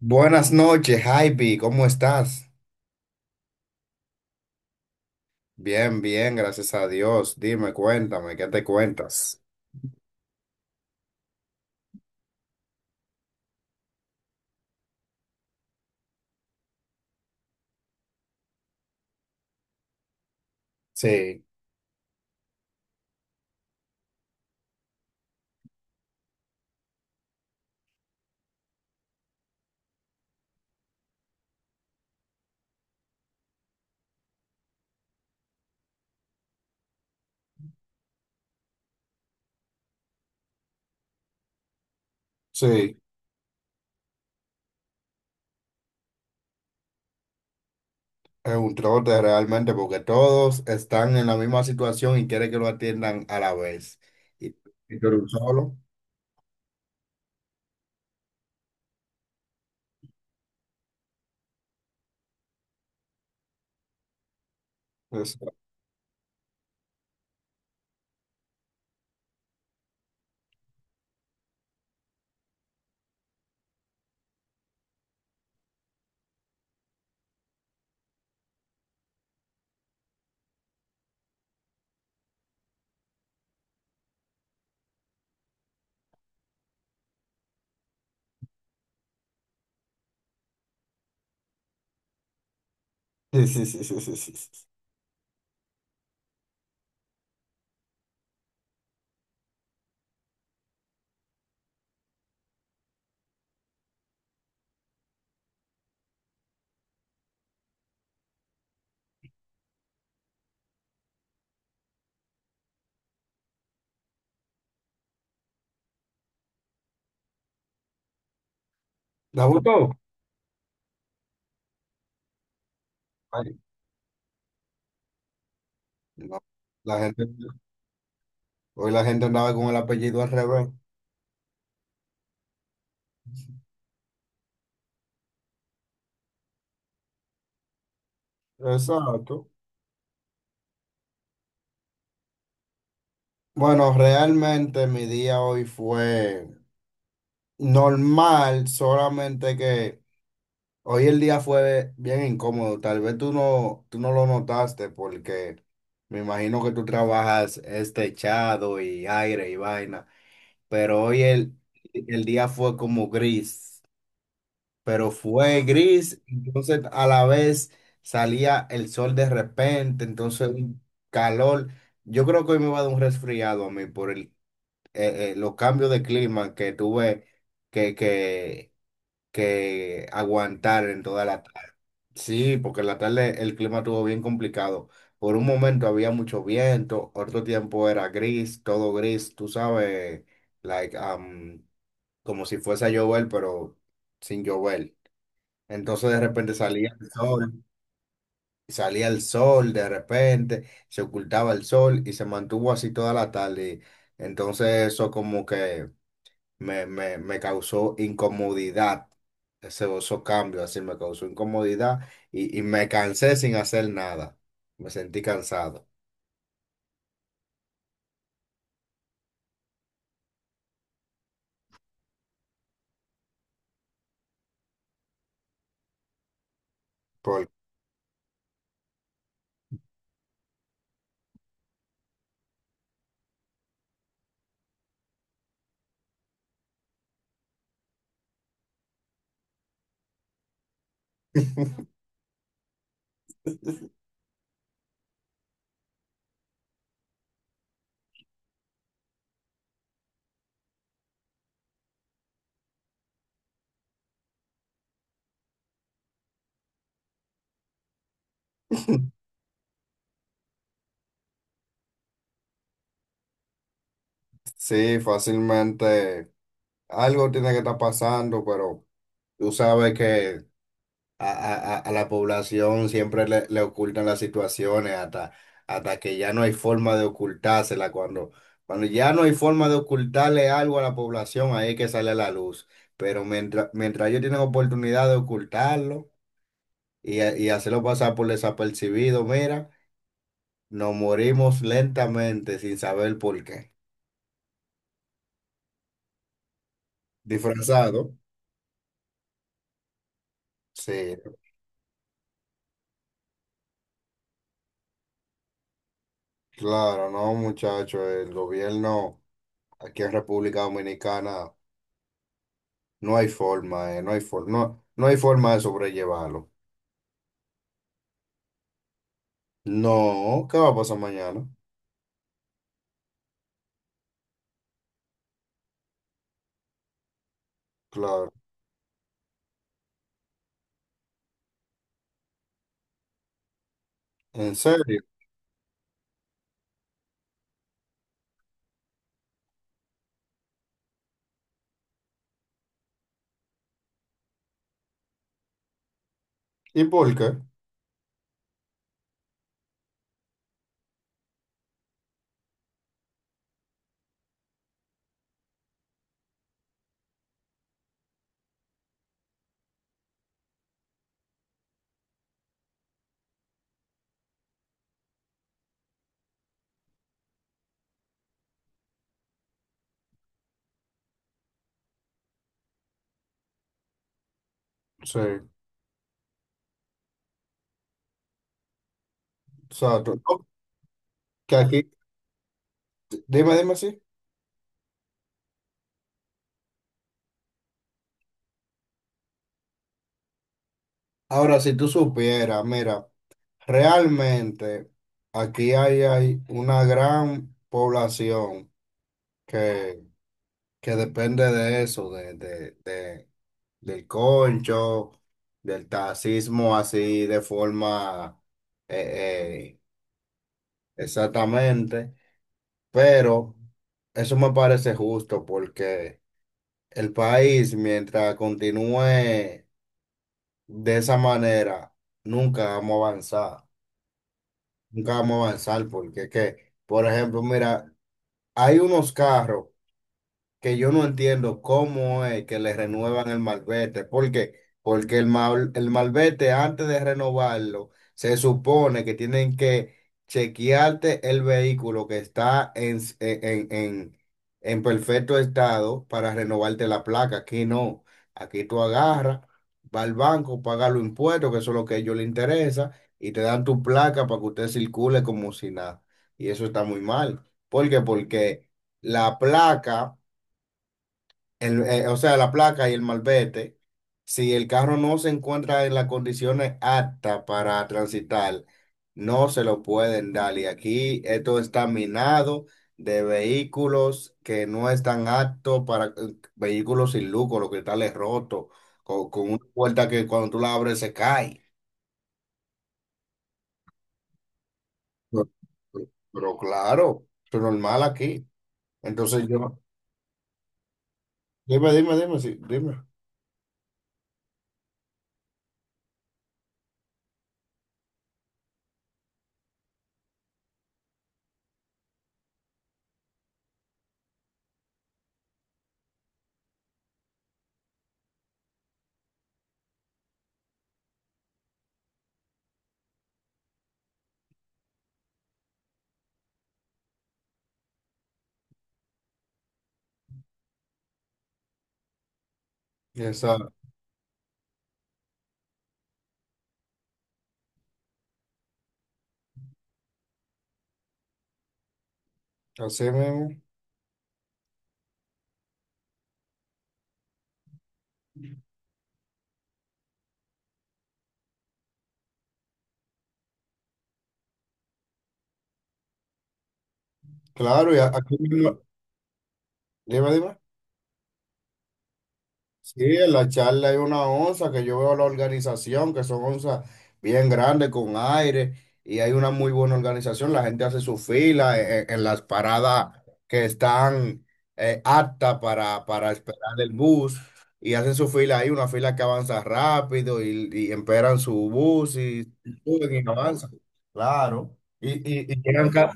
Buenas noches, Javi, ¿cómo estás? Bien, bien, gracias a Dios. Dime, cuéntame, ¿qué te cuentas? Sí. Sí, es un trote realmente porque todos están en la misma situación y quieren que lo atiendan a la vez. Y, y tú eres un solo. Eso. Sí, sí, sí, sí, sí, sí, sí. ¿La gustó? Ay, no, la gente, hoy la gente andaba con el apellido al revés. Exacto. Bueno, realmente mi día hoy fue. Normal, solamente que hoy el día fue bien incómodo. Tal vez tú no lo notaste porque me imagino que tú trabajas este techado y aire y vaina, pero hoy el día fue como gris, pero fue gris, entonces a la vez salía el sol de repente, entonces un calor. Yo creo que hoy me va a dar un resfriado a mí por el, los cambios de clima que tuve que, que que aguantar en toda la tarde. Sí, porque en la tarde el clima estuvo bien complicado. Por un momento había mucho viento, otro tiempo era gris, todo gris, tú sabes, like, como si fuese a llover, pero sin llover. Entonces de repente salía el sol, de repente se ocultaba el sol y se mantuvo así toda la tarde. Entonces eso como que me causó incomodidad. Ese, esos cambios así me causó incomodidad y me cansé sin hacer nada. Me sentí cansado. Por- sí, fácilmente algo tiene que estar pasando, pero tú sabes que a la población siempre le, le ocultan las situaciones hasta, hasta que ya no hay forma de ocultársela. Cuando, cuando ya no hay forma de ocultarle algo a la población, ahí es que sale a la luz. Pero mientras, mientras ellos tienen oportunidad de ocultarlo y, ha- y hacerlo pasar por desapercibido, mira, nos morimos lentamente sin saber por qué. Disfrazado. Sí, claro, no, muchachos, el gobierno aquí en República Dominicana. No hay forma, no hay forma, no, no hay forma de sobrellevarlo. No, ¿qué va a pasar mañana? Claro, ¿en serio? ¿Y por qué? Sí, exacto. No, que aquí, dime, dime así. Ahora, si tú supieras, mira, realmente aquí hay, hay una gran población que, que depende de eso, de del concho, del taxismo así de forma... eh, eh, exactamente, pero eso me parece justo porque el país, mientras continúe de esa manera, nunca vamos a avanzar, nunca vamos a avanzar porque es que, por ejemplo, mira, hay unos carros. Que yo no entiendo cómo es que le renuevan el malvete. ¿Por qué? Porque el, mal- el malvete, antes de renovarlo, se supone que tienen que chequearte el vehículo que está en en perfecto estado para renovarte la placa. Aquí no. Aquí tú agarras, vas al banco, pagas los impuestos, que eso es lo que a ellos les interesa, y te dan tu placa para que usted circule como si nada. Y eso está muy mal. ¿Por qué? Porque la placa o sea, la placa y el malvete, si el carro no se encuentra en las condiciones aptas para transitar, no se lo pueden dar. Y aquí esto está minado de vehículos que no están aptos para vehículos sin luco, los cristales rotos, con una puerta que cuando tú la abres se cae. No. Pero claro, es normal aquí. Entonces yo, dime, dime, dime, sí, dime. Esa, así mismo. Claro, y a- aquí mismo. Dime, dime. Sí, en la charla hay una onza que yo veo la organización, que son onzas bien grandes con aire y hay una muy buena organización. La gente hace su fila e- e- en, las paradas que están aptas para esperar el bus y hacen su fila ahí, una fila que avanza rápido y esperan su bus y suben y avanzan. Claro. Y llegan ca-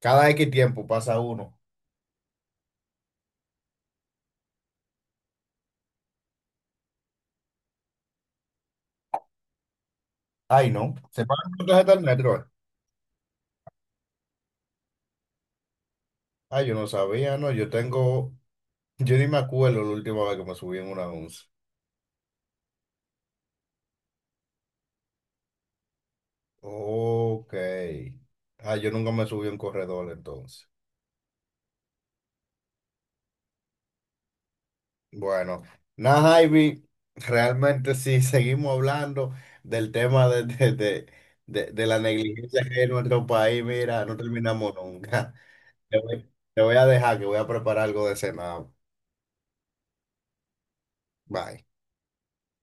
cada X tiempo, pasa uno. Ay, no. Se pagan con tarjeta del metro. Ah, yo no sabía, no, yo tengo, yo ni me acuerdo la última vez que me subí en una once. Ok. Ah, yo nunca me subí en corredor entonces. Bueno, nada, Ivy, realmente sí, seguimos hablando del tema de de la negligencia que hay en nuestro país, mira, no terminamos nunca. Te voy a dejar que voy a preparar algo de cenar. Bye.